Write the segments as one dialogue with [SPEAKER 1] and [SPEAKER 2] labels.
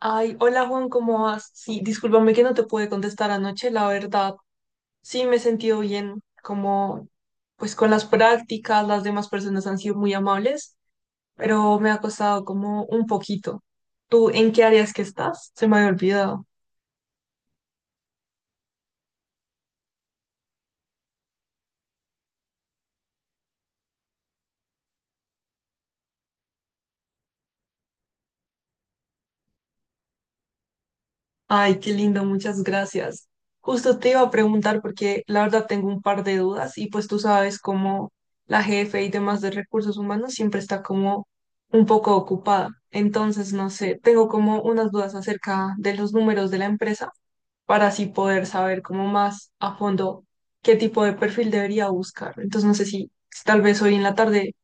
[SPEAKER 1] Ay, hola Juan, ¿cómo vas? Sí, discúlpame que no te pude contestar anoche, la verdad. Sí, me he sentido bien, como pues con las prácticas, las demás personas han sido muy amables, pero me ha costado como un poquito. ¿Tú en qué áreas que estás? Se me había olvidado. Ay, qué lindo, muchas gracias. Justo te iba a preguntar porque la verdad tengo un par de dudas y pues tú sabes cómo la jefe y demás de recursos humanos siempre está como un poco ocupada. Entonces, no sé, tengo como unas dudas acerca de los números de la empresa para así poder saber como más a fondo qué tipo de perfil debería buscar. Entonces, no sé si tal vez hoy en la tarde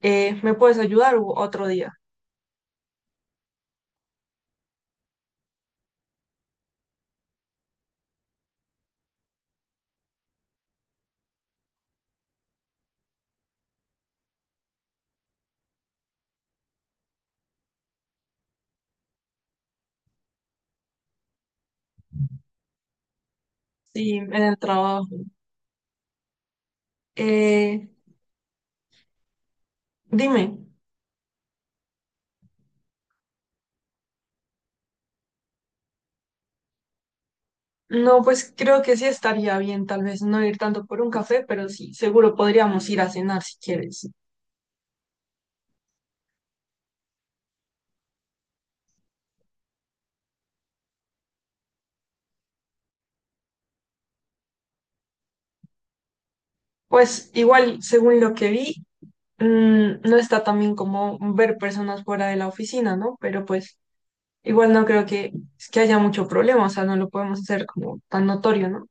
[SPEAKER 1] me puedes ayudar o otro día. Sí, en el trabajo. Eh, dime. No, pues creo que sí estaría bien, tal vez no ir tanto por un café, pero sí, seguro podríamos ir a cenar si quieres. Pues igual, según lo que vi, no está tan bien como ver personas fuera de la oficina, ¿no? Pero pues igual no creo que haya mucho problema, o sea, no lo podemos hacer como tan notorio, ¿no?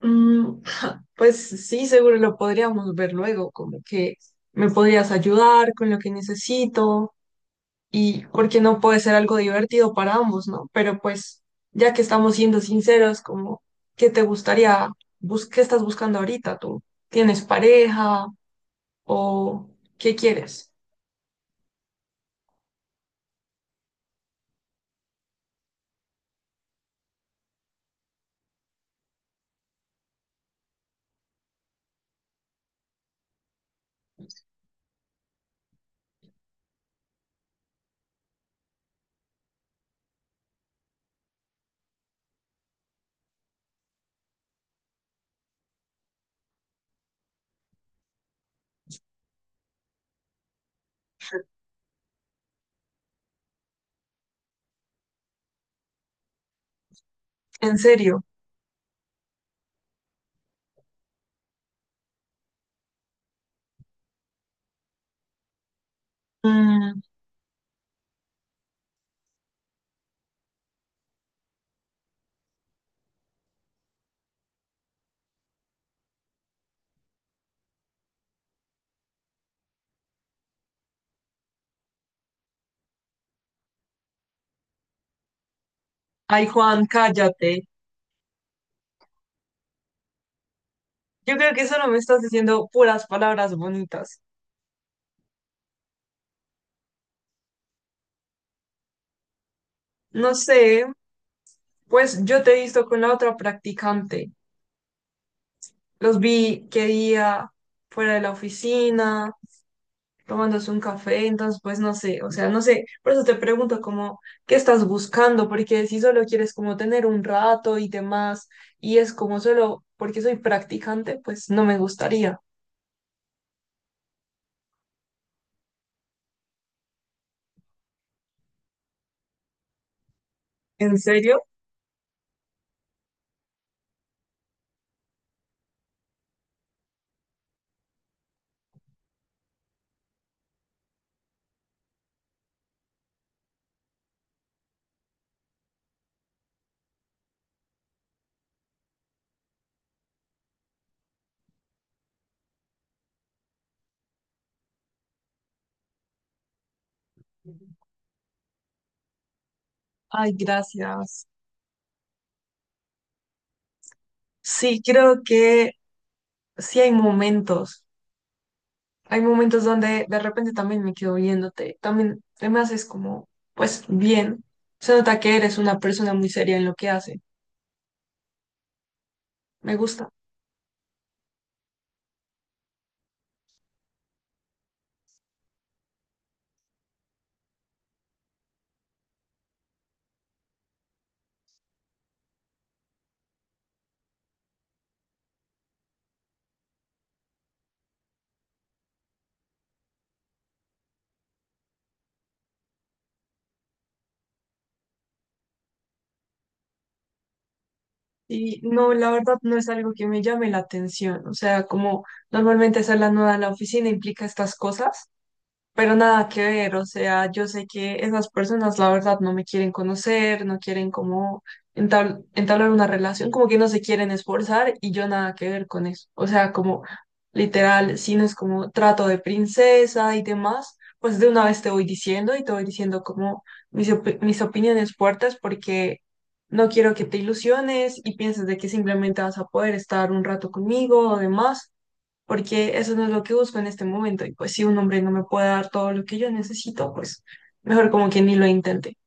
[SPEAKER 1] Mm, pues sí, seguro lo podríamos ver luego, como que me podrías ayudar con lo que necesito y porque no puede ser algo divertido para ambos, ¿no? Pero pues, ya que estamos siendo sinceros, como, ¿qué te gustaría, qué estás buscando ahorita tú? ¿Tienes pareja o qué quieres? En serio. Mm, ay, Juan, cállate. Yo creo que solo me estás diciendo puras palabras bonitas. No sé, pues yo te he visto con la otra practicante. Los vi que día fuera de la oficina tomándose un café, entonces pues no sé, o sea, no sé, por eso te pregunto como, ¿qué estás buscando? Porque si solo quieres como tener un rato y demás, y es como solo porque soy practicante, pues no me gustaría. ¿En serio? Ay, gracias. Sí, creo que sí hay momentos donde de repente también me quedo viéndote, también te me haces como, pues bien, se nota que eres una persona muy seria en lo que hace, me gusta. Y no, la verdad no es algo que me llame la atención. O sea, como normalmente hacer la nuda en la oficina implica estas cosas. Pero nada que ver, o sea, yo sé que esas personas la verdad no me quieren conocer, no quieren como entablar una relación, como que no se quieren esforzar y yo nada que ver con eso. O sea, como literal, si no es como trato de princesa y demás, pues de una vez te voy diciendo y te voy diciendo como mis opiniones fuertes porque no quiero que te ilusiones y pienses de que simplemente vas a poder estar un rato conmigo o demás porque eso no es lo que busco en este momento. Y pues si un hombre no me puede dar todo lo que yo necesito, pues mejor como que ni lo intente.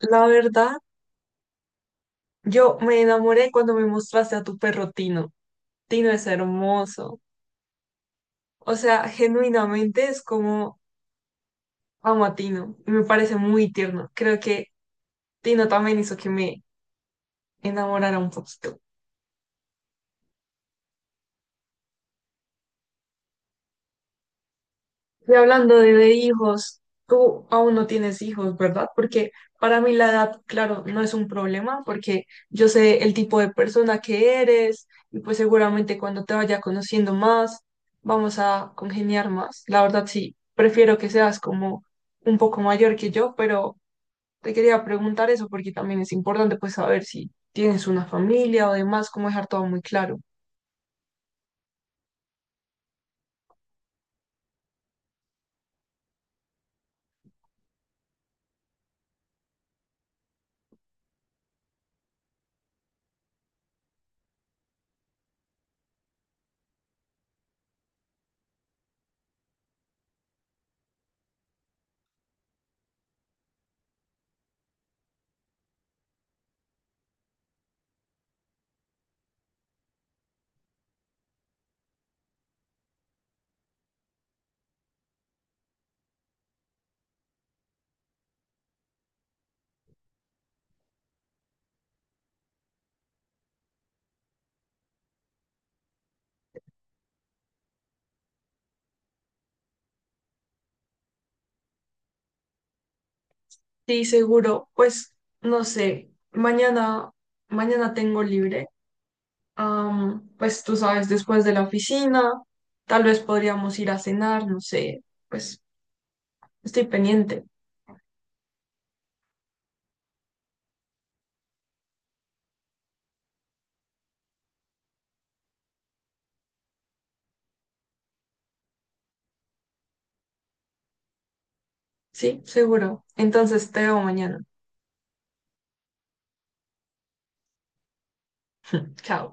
[SPEAKER 1] La verdad, yo me enamoré cuando me mostraste a tu perro Tino. Tino es hermoso. O sea, genuinamente es como amo a Tino. Y me parece muy tierno. Creo que Tino también hizo que me enamorara un poquito. Y hablando de hijos, tú aún no tienes hijos, ¿verdad? Porque para mí la edad, claro, no es un problema porque yo sé el tipo de persona que eres y pues seguramente cuando te vaya conociendo más, vamos a congeniar más. La verdad sí, prefiero que seas como un poco mayor que yo, pero te quería preguntar eso porque también es importante pues saber si tienes una familia o demás, cómo dejar todo muy claro. Sí, seguro, pues no sé, mañana tengo libre. Pues tú sabes, después de la oficina, tal vez podríamos ir a cenar, no sé, pues estoy pendiente, ¿sí? Seguro. Entonces te veo mañana. Chao.